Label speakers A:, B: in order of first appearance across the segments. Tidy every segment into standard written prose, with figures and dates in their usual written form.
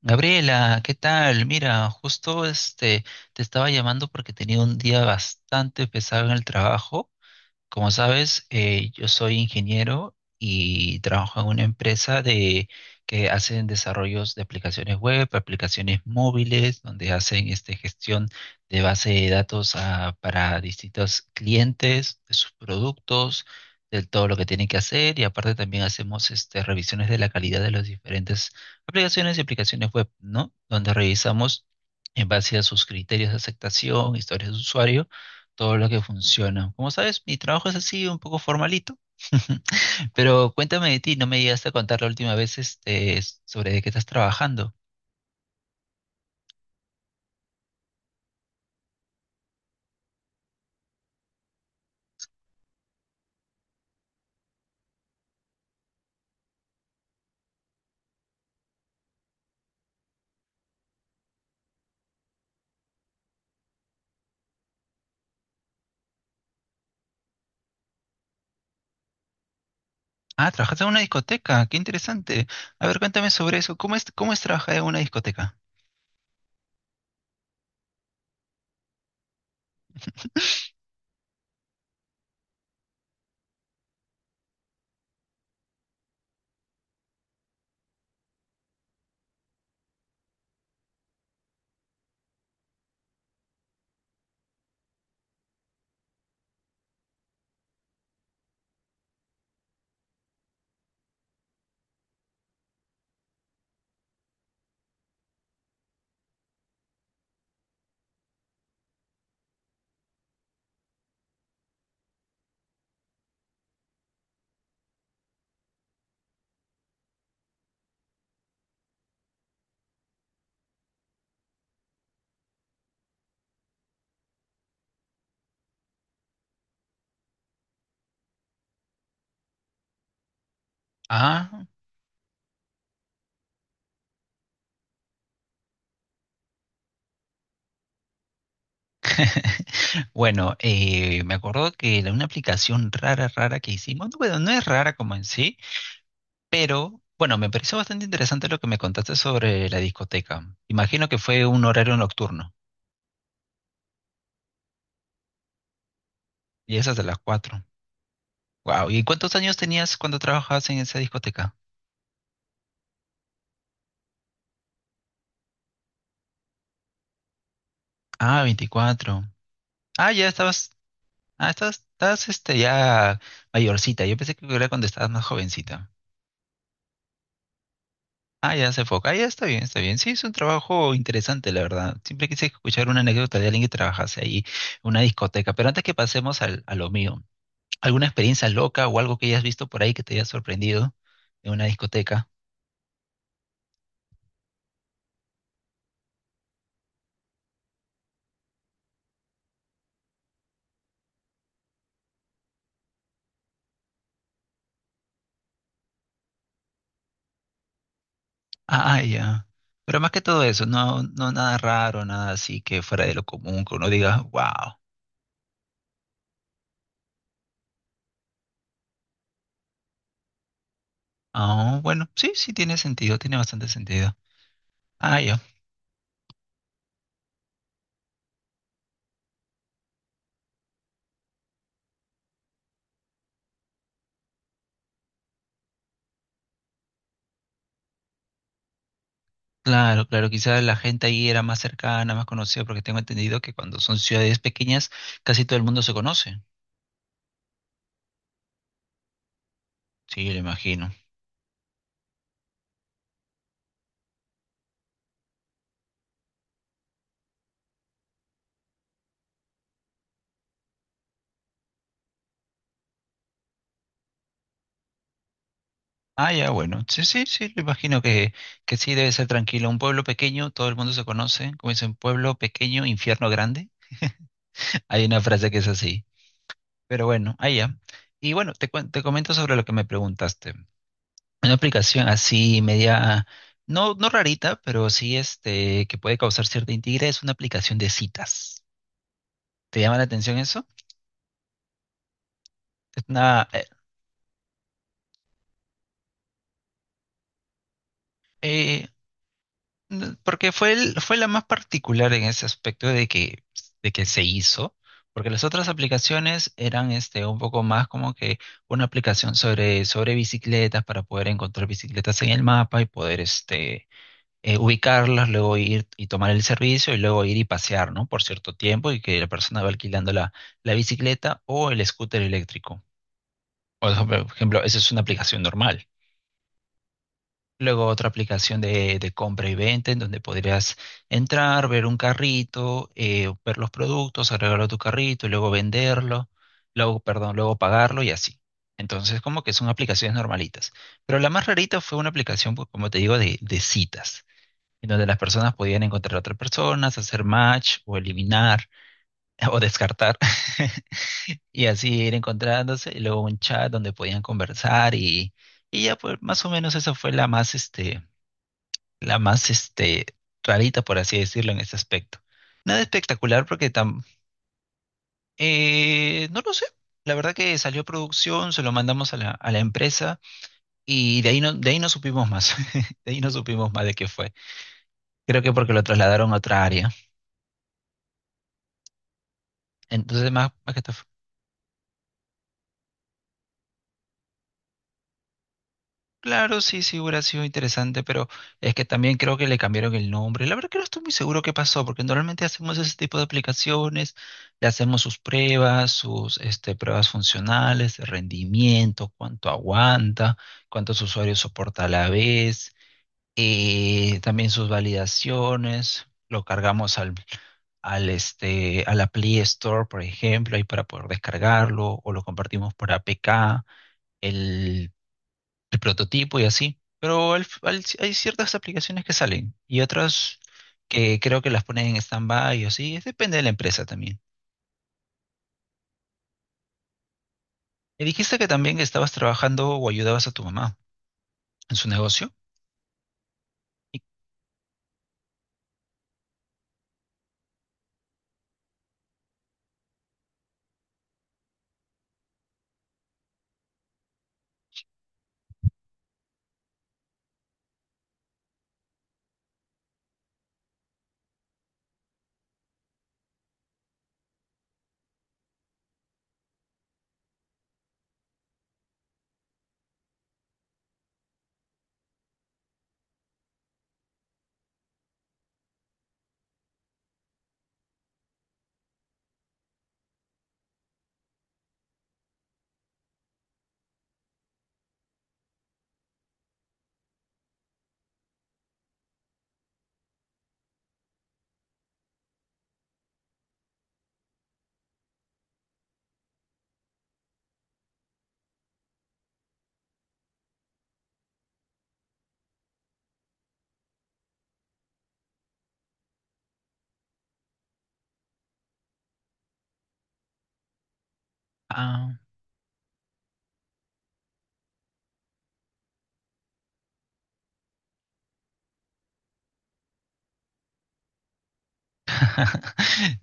A: Gabriela, ¿qué tal? Mira, justo te estaba llamando porque tenía un día bastante pesado en el trabajo. Como sabes, yo soy ingeniero y trabajo en una empresa que hacen desarrollos de aplicaciones web, aplicaciones móviles, donde hacen gestión de base de datos, ah, para distintos clientes, de sus productos, de todo lo que tienen que hacer. Y aparte también hacemos revisiones de la calidad de las diferentes aplicaciones y aplicaciones web, ¿no? Donde revisamos en base a sus criterios de aceptación, historias de usuario, todo lo que funciona. Como sabes, mi trabajo es así, un poco formalito. Pero cuéntame de ti, no me llegaste a contar la última vez sobre de qué estás trabajando. Ah, trabajaste en una discoteca, qué interesante. A ver, cuéntame sobre eso. Cómo es trabajar en una discoteca? Ah, bueno, me acuerdo que una aplicación rara, rara que hicimos, bueno, no es rara como en sí, pero bueno, me pareció bastante interesante lo que me contaste sobre la discoteca. Imagino que fue un horario nocturno, y esas de las cuatro. Wow, ¿y cuántos años tenías cuando trabajabas en esa discoteca? Ah, 24. Ah, ya estabas, ah, estás, estás ya mayorcita. Yo pensé que era cuando estabas más jovencita. Ah, ya se foca. Ah, ya está bien, está bien. Sí, es un trabajo interesante, la verdad. Siempre quise escuchar una anécdota de alguien que trabajase ahí en una discoteca. Pero antes que pasemos a lo mío, ¿alguna experiencia loca o algo que hayas visto por ahí que te haya sorprendido en una discoteca? Ah, ya. Pero más que todo eso, no, no nada raro, nada así que fuera de lo común, que uno diga, wow. Ah, bueno, sí, sí tiene sentido, tiene bastante sentido. Ah, ya. Claro, claro, quizás la gente ahí era más cercana, más conocida, porque tengo entendido que cuando son ciudades pequeñas, casi todo el mundo se conoce. Sí, lo imagino. Ah, ya, bueno. Sí, sí, sí, lo imagino que sí debe ser tranquilo. Un pueblo pequeño, todo el mundo se conoce. Como dicen, pueblo pequeño, infierno grande. Hay una frase que es así. Pero bueno, ahí ya. Y bueno, te comento sobre lo que me preguntaste. Una aplicación así media, no, no rarita, pero sí que puede causar cierta intriga es una aplicación de citas. ¿Te llama la atención eso? Es una, eh, porque fue, fue la más particular en ese aspecto de que se hizo, porque las otras aplicaciones eran un poco más como que una aplicación sobre, sobre bicicletas para poder encontrar bicicletas en el mapa y poder ubicarlas, luego ir y tomar el servicio y luego ir y pasear, ¿no? Por cierto tiempo y que la persona va alquilando la bicicleta o el scooter eléctrico. Por ejemplo, esa es una aplicación normal. Luego otra aplicación de compra y venta en donde podrías entrar, ver un carrito, ver los productos, agregarlo a tu carrito y luego venderlo, luego, perdón, luego pagarlo y así. Entonces, como que son aplicaciones normalitas. Pero la más rarita fue una aplicación, pues, como te digo, de citas en donde las personas podían encontrar a otras personas, hacer match o eliminar o descartar y así ir encontrándose y luego un chat donde podían conversar y ya pues más o menos esa fue la más rarita por así decirlo en ese aspecto. Nada espectacular porque tam no lo sé. La verdad que salió producción, se lo mandamos a a la empresa y de ahí no supimos más. De ahí no supimos más de qué fue. Creo que porque lo trasladaron a otra área. Entonces, más, más que todo. Claro, sí, sí hubiera sido interesante, pero es que también creo que le cambiaron el nombre. La verdad que no estoy muy seguro qué pasó, porque normalmente hacemos ese tipo de aplicaciones, le hacemos sus pruebas, sus pruebas funcionales, de rendimiento, cuánto aguanta, cuántos usuarios soporta a la vez, también sus validaciones. Lo cargamos a la Play Store, por ejemplo, ahí para poder descargarlo, o lo compartimos por APK. El el prototipo y así. Pero hay ciertas aplicaciones que salen y otras que creo que las ponen en stand-by o así. Es. Depende de la empresa también. Me dijiste que también estabas trabajando o ayudabas a tu mamá en su negocio. Y- ah.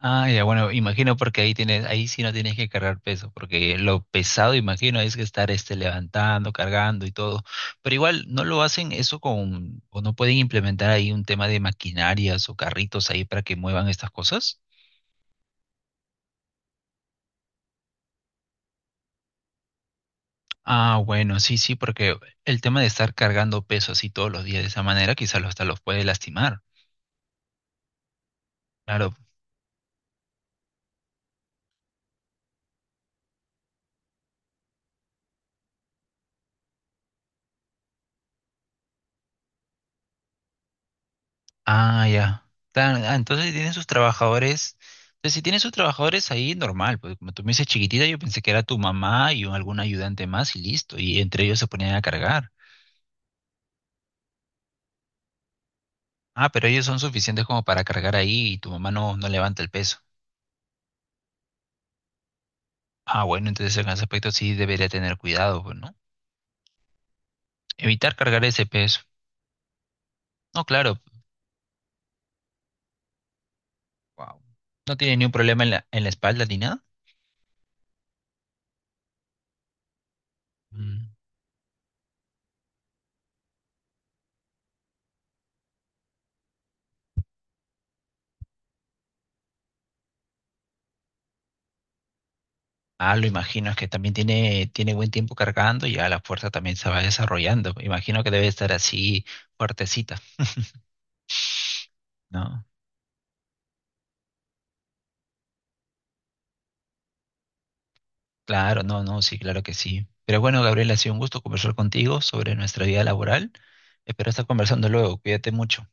A: Ah, ya, bueno, imagino porque ahí tienes, ahí sí no tienes que cargar peso, porque lo pesado, imagino, es que estar levantando, cargando y todo. Pero igual no lo hacen eso con, o no pueden implementar ahí un tema de maquinarias o carritos ahí para que muevan estas cosas. Ah, bueno, sí, sí, porque el tema de estar cargando peso así todos los días de esa manera quizás hasta los puede lastimar. Claro. Ah, ya. Tan- ah, entonces si tienen sus trabajadores. Entonces, si tienen sus trabajadores ahí, normal. Pues como tú me dices chiquitita, yo pensé que era tu mamá y un- algún ayudante más y listo. Y entre ellos se ponían a cargar. Ah, pero ellos son suficientes como para cargar ahí y tu mamá no, no levanta el peso. Ah, bueno, entonces en ese aspecto sí debería tener cuidado, pues, ¿no? Evitar cargar ese peso. No, claro. Wow. No tiene ni un problema en en la espalda ni nada. Mm. Ah, lo imagino, es que también tiene, tiene buen tiempo cargando y ya la fuerza también se va desarrollando. Imagino que debe estar así fuertecita, ¿no? Claro, no, no, sí, claro que sí. Pero bueno, Gabriel, ha sido un gusto conversar contigo sobre nuestra vida laboral. Espero estar conversando luego. Cuídate mucho.